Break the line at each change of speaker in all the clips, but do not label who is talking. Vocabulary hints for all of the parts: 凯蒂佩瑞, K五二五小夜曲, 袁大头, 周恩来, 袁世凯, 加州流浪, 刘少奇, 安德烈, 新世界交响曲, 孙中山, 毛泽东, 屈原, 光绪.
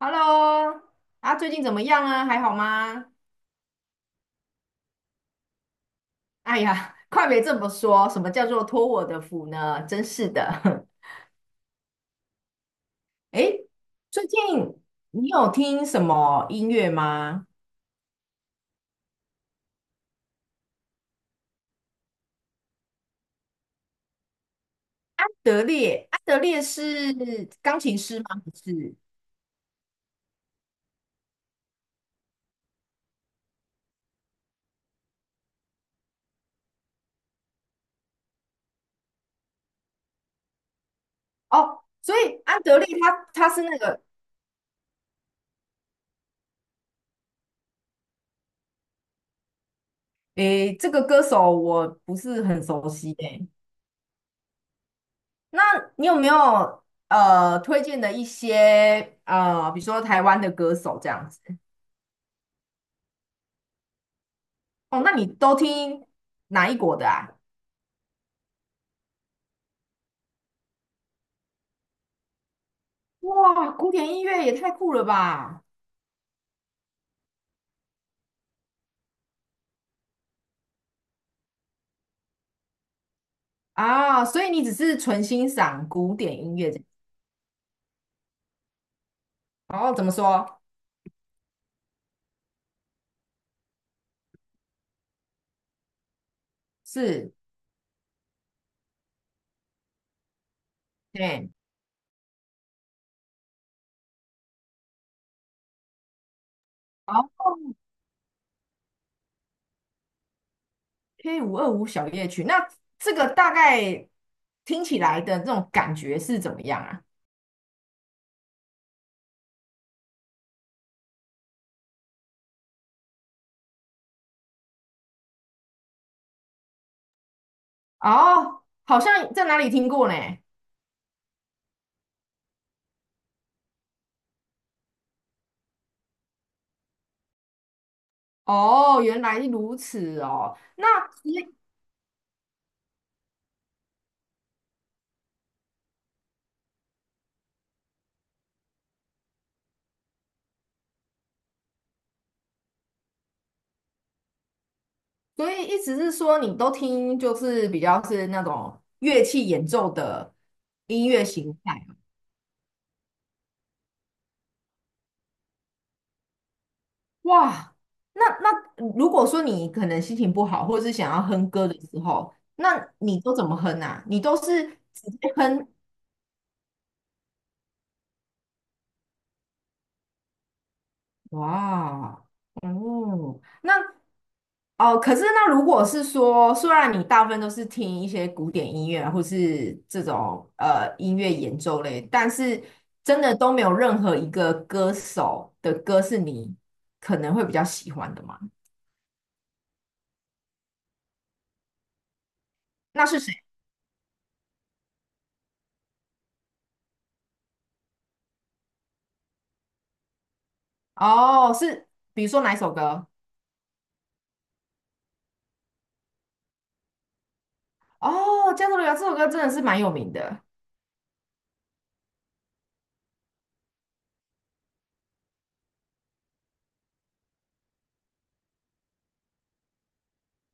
Hello。啊，最近怎么样啊？还好吗？哎呀，快别这么说，什么叫做托我的福呢？真是的。诶，最近你有听什么音乐吗？安德烈，安德烈是钢琴师吗？不是。哦，所以安德烈他是那个，诶，这个歌手我不是很熟悉诶。那你有没有推荐的一些比如说台湾的歌手这样子？哦，那你都听哪一国的啊？哇，古典音乐也太酷了吧！啊，所以你只是纯欣赏古典音乐这。哦，怎么说？是，对，好，K525小夜曲。那这个大概听起来的这种感觉是怎么样啊？哦，好像在哪里听过呢？哦，原来如此哦。那除所以意思是说，你都听就是比较是那种乐器演奏的音乐形态。哇，那那如果说你可能心情不好，或者是想要哼歌的时候，那你都怎么哼啊？你都是直接哼？哇，哦，那哦，可是那如果是说，虽然你大部分都是听一些古典音乐啊或是这种音乐演奏类，但是真的都没有任何一个歌手的歌是你可能会比较喜欢的吗？那是谁？哦，是比如说哪一首歌？哦，《加州流浪》这首歌真的是蛮有名的。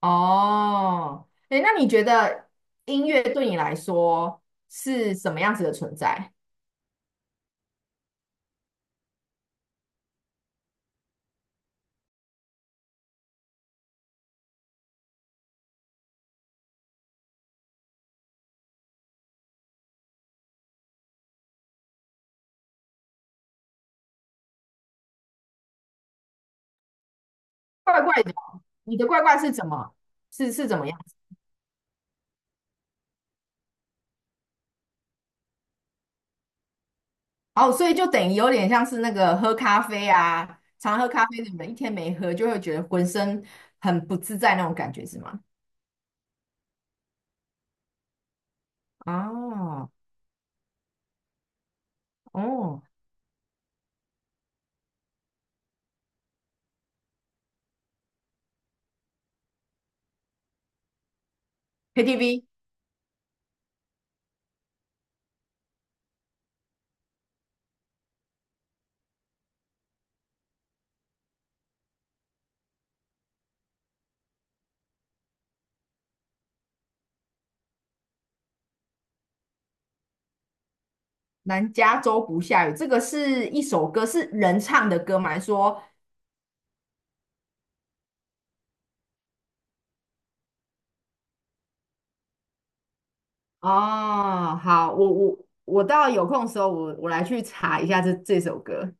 哦，诶，那你觉得音乐对你来说是什么样子的存在？怪怪的，你的怪怪是怎么？是怎么样？哦，所以就等于有点像是那个喝咖啡啊，常喝咖啡的人一天没喝，就会觉得浑身很不自在那种感觉，是吗？哦哦，KTV 南加州不下雨，这个是一首歌，是人唱的歌吗？还是说哦，好，我我到有空的时候，我来去查一下这首歌。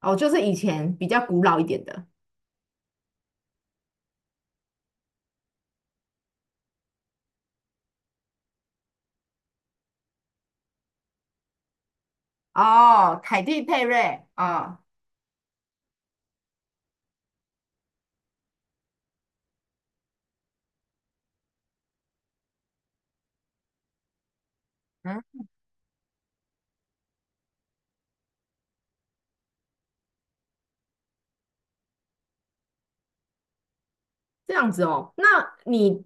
哦，就是以前比较古老一点的。哦，凯蒂佩瑞啊，哦嗯，这样子哦。那你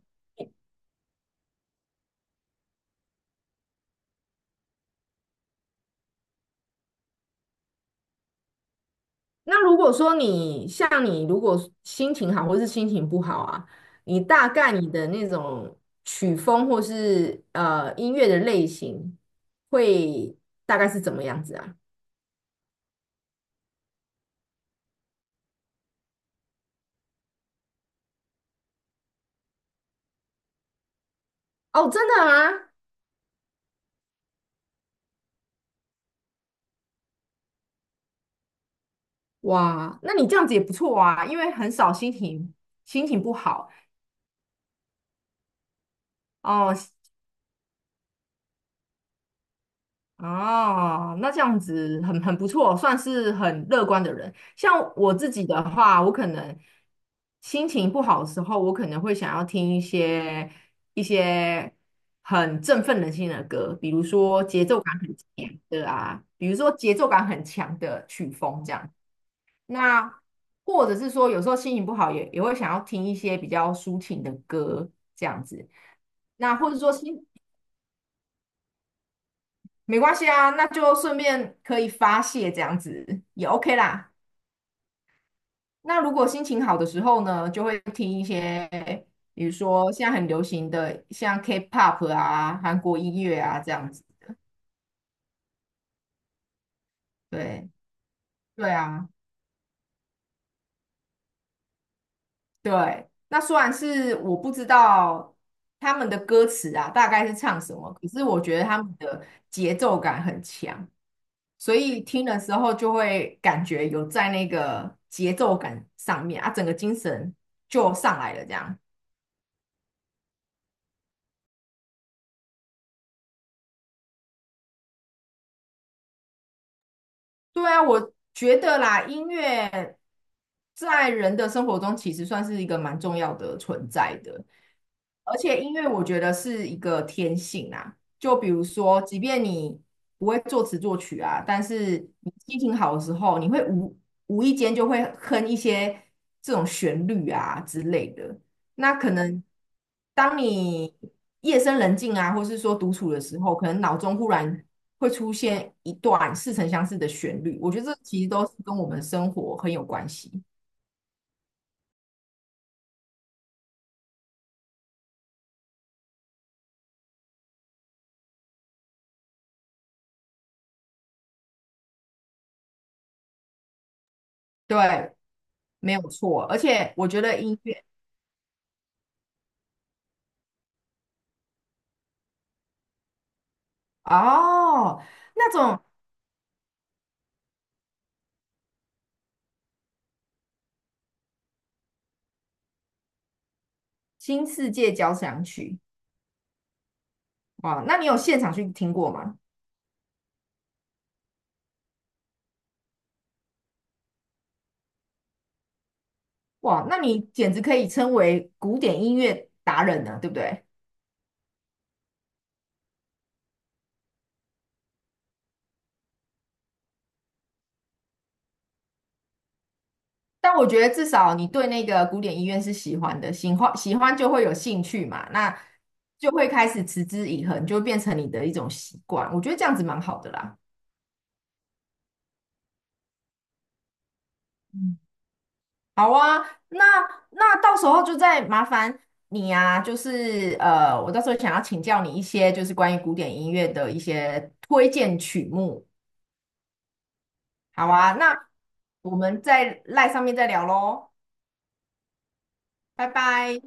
那如果说你像你，如果心情好或是心情不好啊，你大概你的那种曲风或是音乐的类型会大概是怎么样子啊？哦，真的吗？哇，那你这样子也不错啊，因为很少心情心情不好哦。哦，那这样子很不错，算是很乐观的人。像我自己的话，我可能心情不好的时候，我可能会想要听一些一些很振奋人心的歌，比如说节奏感很强的啊，比如说节奏感很强的曲风这样。那或者是说，有时候心情不好也会想要听一些比较抒情的歌这样子。那或者说心没关系啊，那就顺便可以发泄这样子也 OK 啦。那如果心情好的时候呢，就会听一些，比如说现在很流行的像 K-pop 啊、韩国音乐啊这样子。对，对啊。对，那虽然是我不知道他们的歌词啊，大概是唱什么，可是我觉得他们的节奏感很强，所以听的时候就会感觉有在那个节奏感上面啊，整个精神就上来了这样。对啊，我觉得啦，音乐在人的生活中其实算是一个蛮重要的存在的，而且音乐我觉得是一个天性啊。就比如说，即便你不会作词作曲啊，但是你心情好的时候，你会无无意间就会哼一些这种旋律啊之类的。那可能当你夜深人静啊，或是说独处的时候，可能脑中忽然会出现一段似曾相识的旋律。我觉得这其实都是跟我们生活很有关系。对，没有错。而且我觉得音乐哦，那种新世界交响曲，哇，那你有现场去听过吗？哇，那你简直可以称为古典音乐达人呢，对不对？但我觉得至少你对那个古典音乐是喜欢的，喜欢喜欢就会有兴趣嘛，那就会开始持之以恒，就会变成你的一种习惯。我觉得这样子蛮好的啦。好啊，那那到时候就再麻烦你啊，就是呃，我到时候想要请教你一些就是关于古典音乐的一些推荐曲目。好啊，那我们在赖上面再聊喽，拜拜。